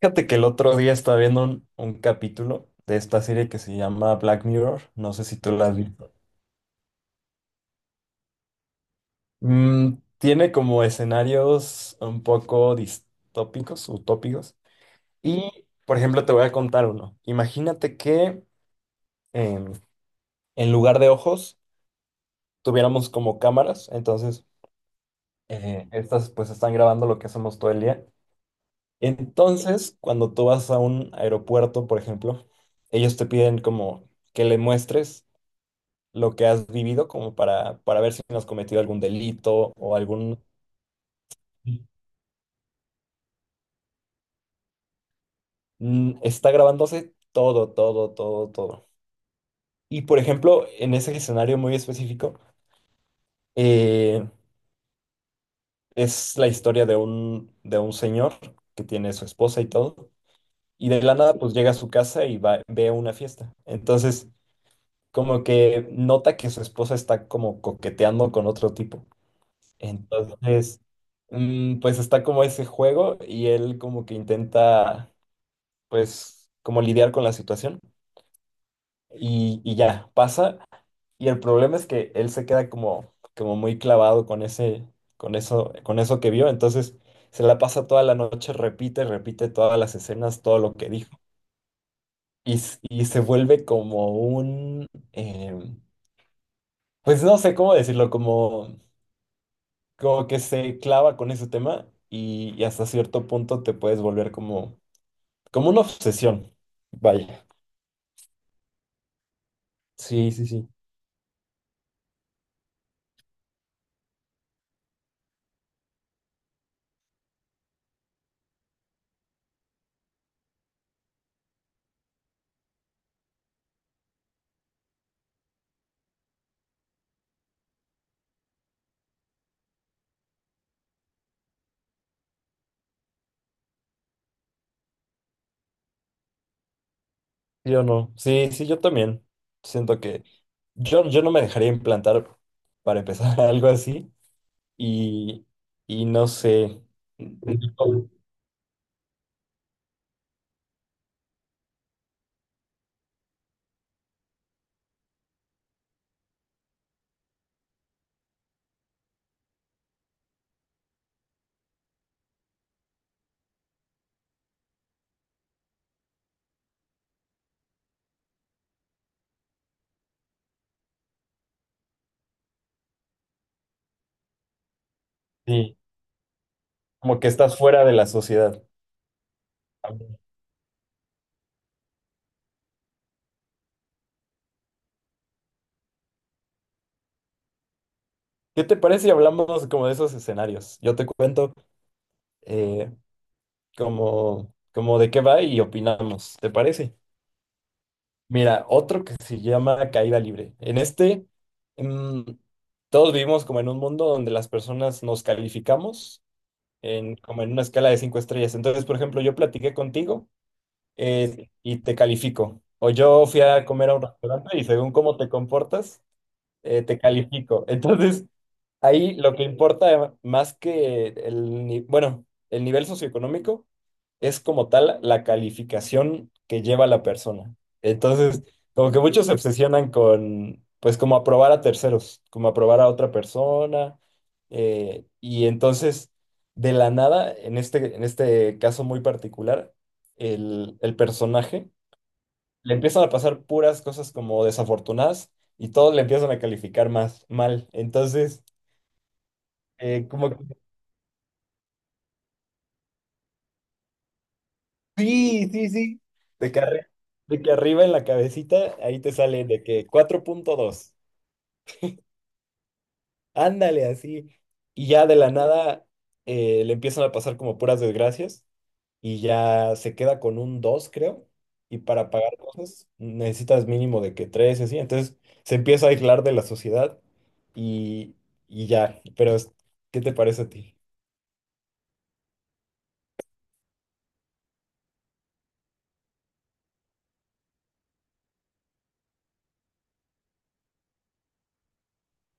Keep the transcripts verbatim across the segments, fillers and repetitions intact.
Fíjate que el otro día estaba viendo un, un capítulo de esta serie que se llama Black Mirror. No sé si tú la has visto. Mm, Tiene como escenarios un poco distópicos, utópicos. Y, por ejemplo, te voy a contar uno. Imagínate que em, en lugar de ojos tuviéramos como cámaras. Entonces, eh, estas pues están grabando lo que hacemos todo el día. Entonces, cuando tú vas a un aeropuerto, por ejemplo, ellos te piden como que le muestres lo que has vivido como para, para ver si no has cometido algún delito o algún. Mm. Está grabándose todo, todo, todo, todo. Y, por ejemplo, en ese escenario muy específico, eh, es la historia de un, de un señor que tiene su esposa y todo, y de la nada pues llega a su casa y va, ve una fiesta. Entonces, como que nota que su esposa está como coqueteando con otro tipo. Entonces, mm, pues está como ese juego y él como que intenta pues, como lidiar con la situación. Y, y ya, pasa. Y el problema es que él se queda como, como muy clavado con ese, con eso, con eso que vio. Entonces, se la pasa toda la noche, repite, repite todas las escenas, todo lo que dijo. Y, s- y se vuelve como un, em, pues no sé cómo decirlo, como, como que se clava con ese tema y, y hasta cierto punto te puedes volver como, como una obsesión. Vaya. Sí, sí, sí. Yo no. Sí, sí, yo también. Siento que yo, yo no me dejaría implantar para empezar algo así. Y, y no sé. Sí, como que estás fuera de la sociedad. ¿Qué te parece si hablamos como de esos escenarios? Yo te cuento eh, como, como de qué va y opinamos. ¿Te parece? Mira, otro que se llama Caída Libre. En este, mm, todos vivimos como en un mundo donde las personas nos calificamos en, como en una escala de cinco estrellas. Entonces, por ejemplo, yo platiqué contigo eh, y te califico. O yo fui a comer a un restaurante y según cómo te comportas, eh, te califico. Entonces, ahí lo que importa más que el, ni- bueno, el nivel socioeconómico es como tal la calificación que lleva la persona. Entonces, como que muchos se obsesionan con, pues como aprobar a terceros, como aprobar a otra persona. Eh, y entonces, de la nada, en este, en este caso muy particular, el, el personaje le empiezan a pasar puras cosas como desafortunadas y todos le empiezan a calificar más mal. Entonces, eh, como. Sí, sí, sí. De que, arri- de que arriba en la cabecita, ahí te sale de que cuatro punto dos. Ándale, así. Y ya de la nada, eh, le empiezan a pasar como puras desgracias y ya se queda con un dos, creo. Y para pagar cosas necesitas mínimo de que tres, así. Entonces se empieza a aislar de la sociedad y, y ya. Pero, es- ¿qué te parece a ti?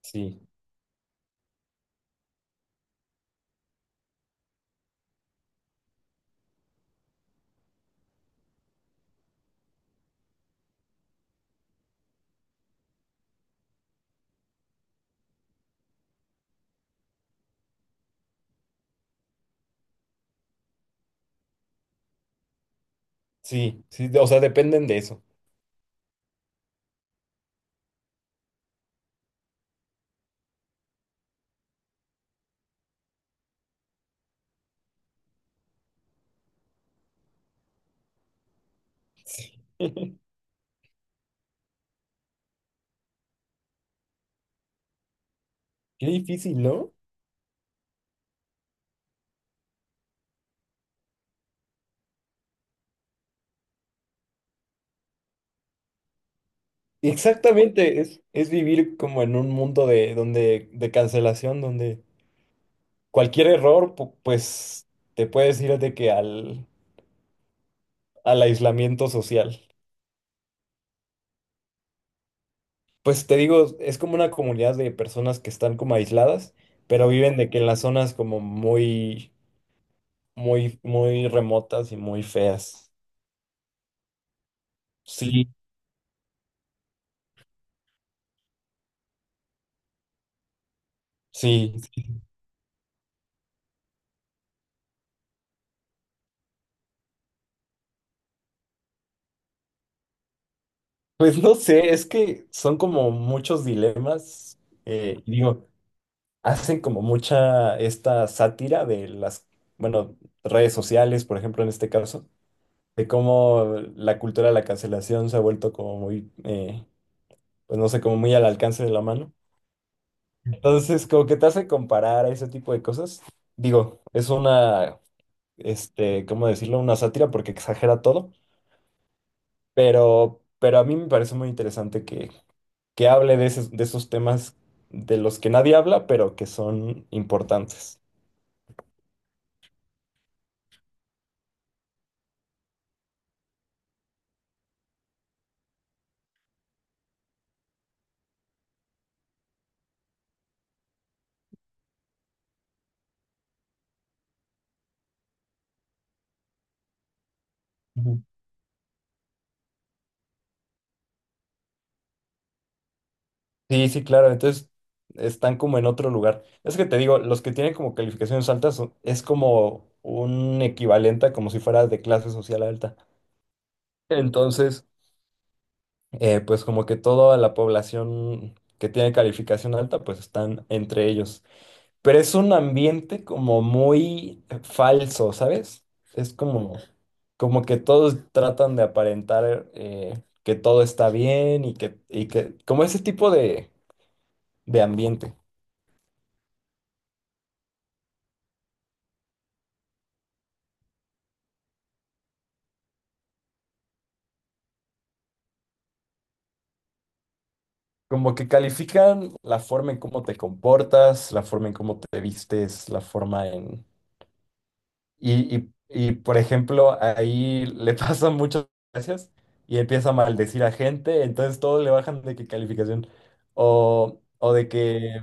Sí, sí, sí. O sea, dependen de eso. Qué difícil, ¿no? Exactamente, es, es vivir como en un mundo de, donde, de cancelación, donde cualquier error, pu- pues te puedes ir de que al, al aislamiento social. Pues te digo, es como una comunidad de personas que están como aisladas, pero viven de que en las zonas como muy, muy, muy remotas y muy feas. Sí, sí. Pues no sé, es que son como muchos dilemas. Eh, digo. Hacen como mucha esta sátira de las, bueno, redes sociales, por ejemplo, en este caso, de cómo la cultura de la cancelación se ha vuelto como muy, eh, pues no sé, como muy al alcance de la mano. Entonces, como que te hace comparar a ese tipo de cosas. Digo, es una, este, ¿cómo decirlo? Una sátira porque exagera todo, pero, pero a mí me parece muy interesante que, que hable de esos, de esos temas de los que nadie habla, pero que son importantes. Sí, sí, claro. Entonces están como en otro lugar. Es que te digo, los que tienen como calificaciones altas son- es como un equivalente a como si fuera de clase social alta. Entonces, eh, pues como que toda la población que tiene calificación alta, pues están entre ellos. Pero es un ambiente como muy falso, ¿sabes? Es como, como que todos tratan de aparentar eh, que todo está bien y que, y que, como ese tipo de, de ambiente. Como que califican la forma en cómo te comportas, la forma en cómo te vistes, la forma en. Y, y, y, por ejemplo, ahí le pasan muchas gracias y empieza a maldecir a gente, entonces todos le bajan de que calificación. O, o de que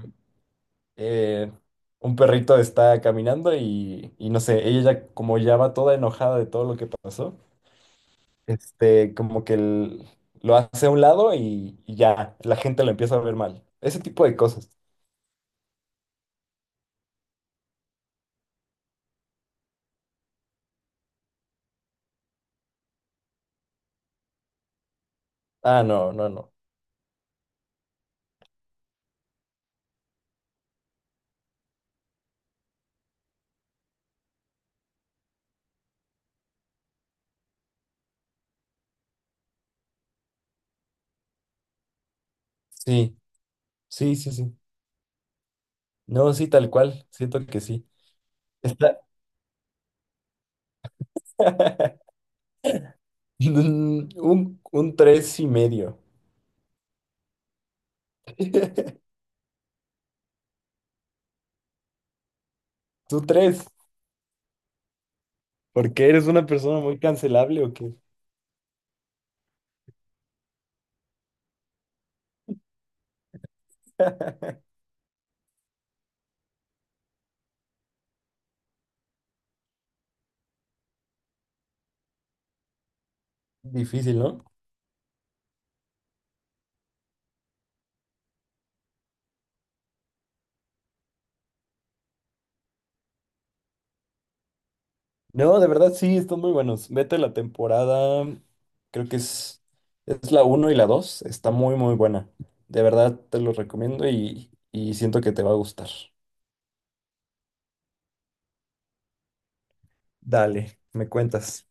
eh, un perrito está caminando y, y no sé, ella ya- como ya va toda enojada de todo lo que pasó, este, como que el- lo hace a un lado y, y ya, la gente lo empieza a ver mal. Ese tipo de cosas. Ah, no, no, no. Sí, sí, sí, sí. No, sí, tal cual. Siento que sí. Está un, un tres y medio. Tú tres. ¿Porque eres una persona muy cancelable o qué? Difícil, ¿no? No, de verdad sí, están muy buenos. Vete la temporada, creo que es, es la uno y la dos está muy, muy buena. De verdad te lo recomiendo y, y siento que te va a gustar. Dale, me cuentas.